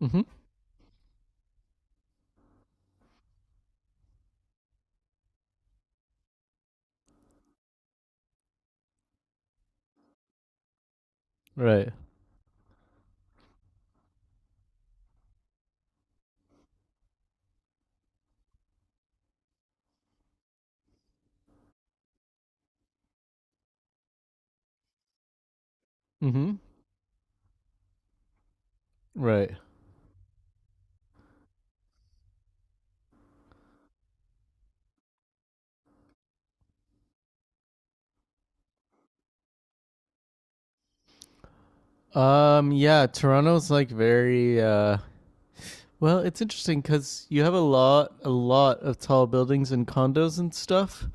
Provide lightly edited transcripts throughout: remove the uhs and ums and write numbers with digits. Mm-hmm. Right. Mm-hmm. Right. Yeah. Toronto's like very. Well, it's interesting because you have a lot of tall buildings and condos and stuff,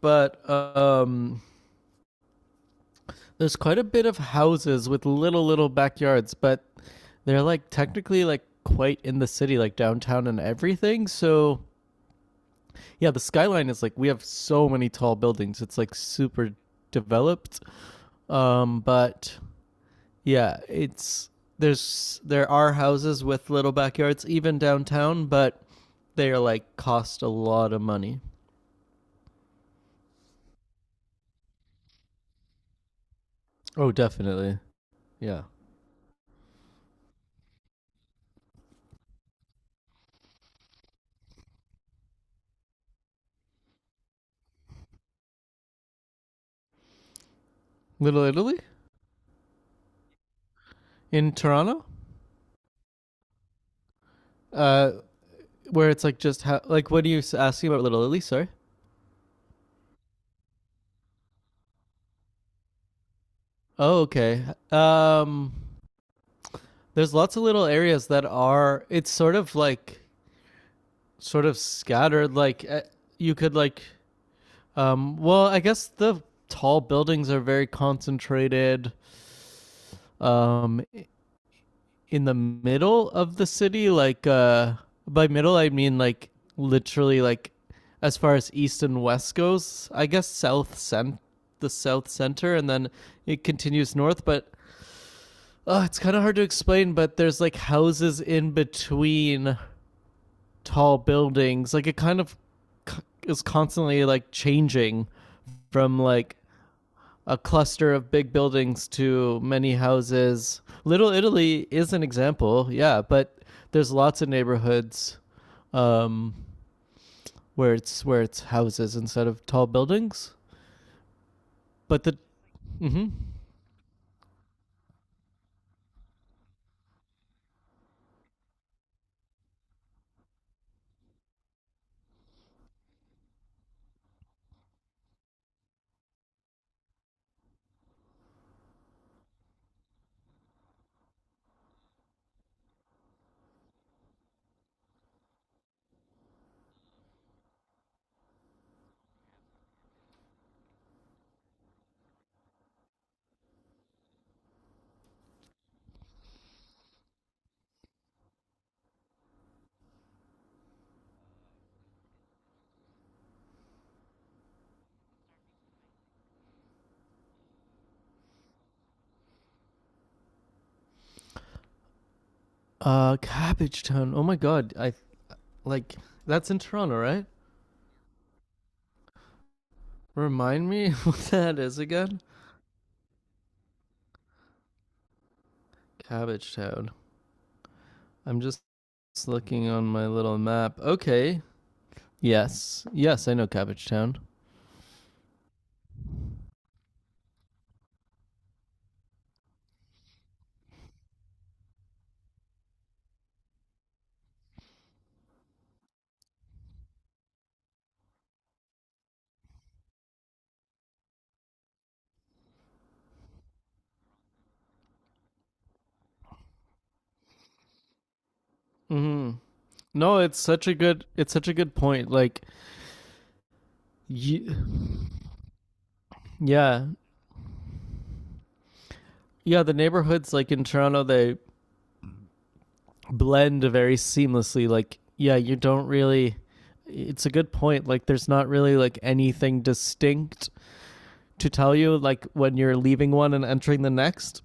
but there's quite a bit of houses with little backyards, but they're like technically like quite in the city, like downtown and everything. So yeah, the skyline is like we have so many tall buildings. It's like super developed. But Yeah, it's there are houses with little backyards even downtown, but they are like cost a lot of money. Oh, definitely. Yeah. Little Italy in Toronto? Uh, where it's like just how like what are you asking about Little Italy, sorry? Oh, okay. Um there's lots of little areas that are it's sort of like sort of scattered like you could like well, I guess the tall buildings are very concentrated um in the middle of the city like by middle I mean like literally like as far as east and west goes, I guess south cent the south center, and then it continues north. But oh, it's kind of hard to explain, but there's like houses in between tall buildings. Like it kind of c- is constantly like changing from like a cluster of big buildings to many houses. Little Italy is an example, yeah, but there's lots of neighborhoods, um, where it's houses instead of tall buildings. But the mm-hmm. Uh, Cabbage Town. Oh my God, I like that's in Toronto, right? Remind me what that is again. Cabbage Town. I'm just looking on my little map. Okay. Yes. Yes, I know Cabbage Town. Mm-hmm. No, it's such a good point. Like you, yeah. Yeah, the neighborhoods like in Toronto they blend very seamlessly. Like yeah, you don't really, it's a good point. Like there's not really like anything distinct to tell you like when you're leaving one and entering the next,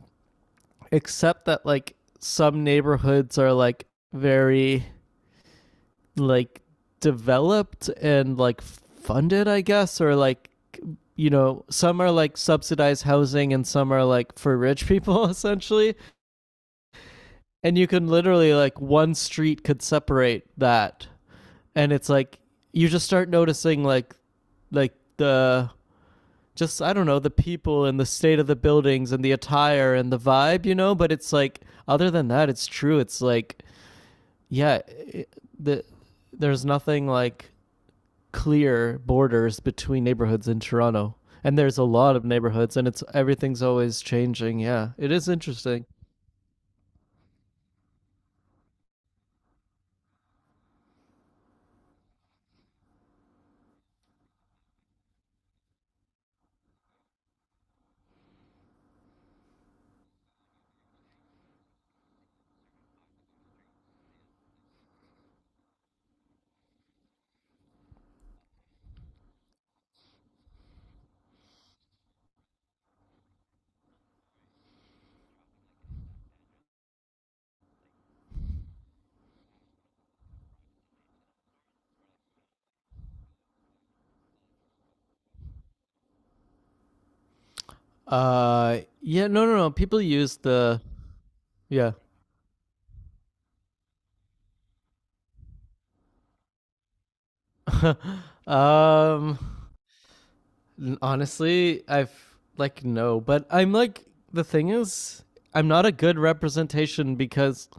except that like some neighborhoods are like very like developed and like funded, I guess, or like you know, some are like subsidized housing and some are like for rich people essentially. And you can literally like one street could separate that. And it's like you just start noticing like the just I don't know, the people and the state of the buildings and the attire and the vibe, you know, but it's like other than that it's true. It's like yeah, it, the there's nothing like clear borders between neighborhoods in Toronto. And there's a lot of neighborhoods, and it's everything's always changing. Yeah, it is interesting. Yeah, no, no, no. People use the yeah. um, honestly, I've like no, but I'm like the thing is, I'm not a good representation because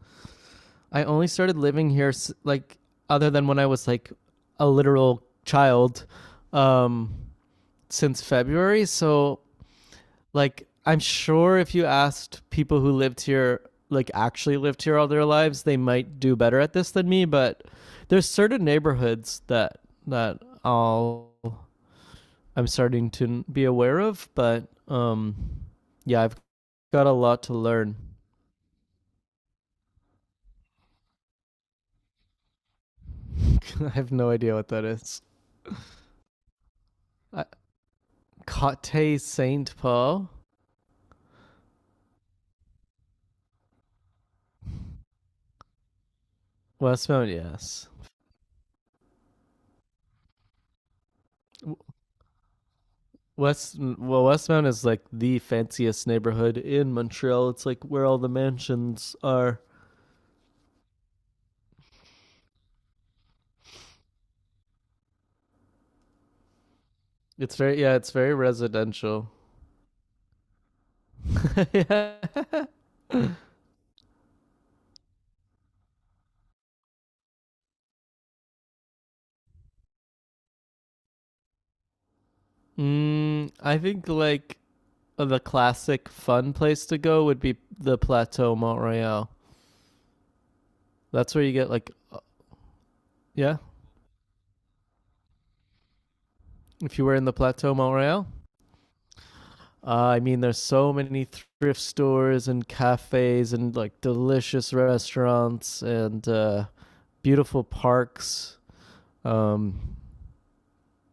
I only started living here like other than when I was like a literal child um since February. So like I'm sure if you asked people who lived here, like actually lived here all their lives, they might do better at this than me. But there's certain neighborhoods that I'll I'm starting to be aware of. But yeah, I've got a lot to learn. I have no idea what that is. I, Cote Saint Paul, Westmount, yes. West, well Westmount is like the fanciest neighborhood in Montreal. It's like where all the mansions are. It's very, yeah, it's very residential. Yeah. Mm, I think like the classic fun place to go would be the Plateau Mont-Royal. That's where you get like yeah, if you were in the Plateau Montreal. I mean, there's so many thrift stores and cafes and like delicious restaurants and beautiful parks. Um,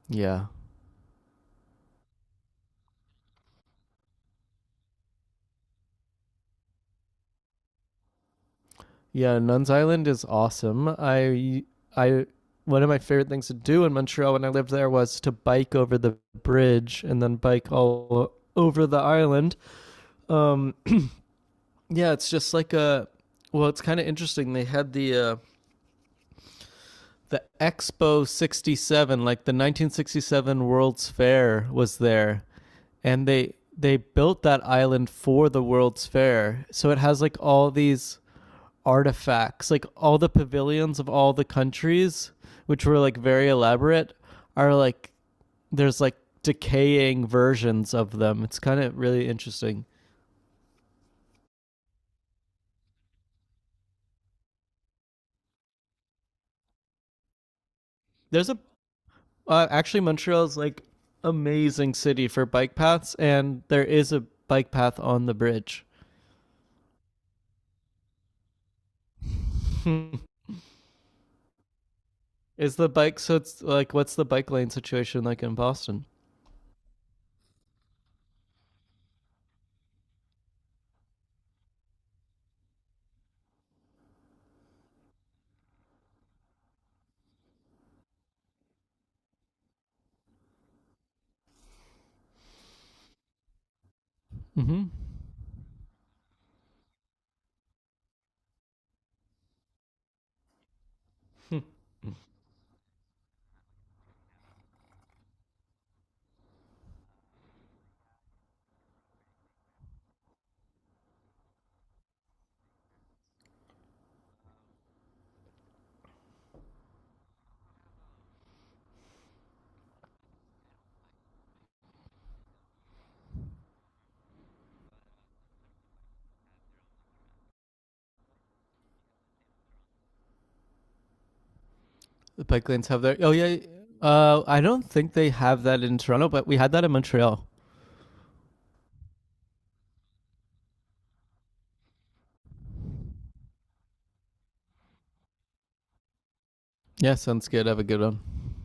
Yeah. Yeah, Nuns Island is awesome. I one of my favorite things to do in Montreal when I lived there was to bike over the bridge and then bike all over the island. Um yeah, it's just like a well, it's kind of interesting. They had the Expo 67, like the 1967 World's Fair was there, and they built that island for the World's Fair. So it has like all these artifacts, like all the pavilions of all the countries, which were like very elaborate, are like there's like decaying versions of them. It's kind of really interesting. There's a actually Montreal's like amazing city for bike paths, and there is a bike path on the bridge. Is the bike, so it's like what's the bike lane situation like in Boston? Mm-hmm. The bike lanes have their oh yeah. I don't think they have that in Toronto, but we had that in Montreal. Yeah, sounds good. Have a good one.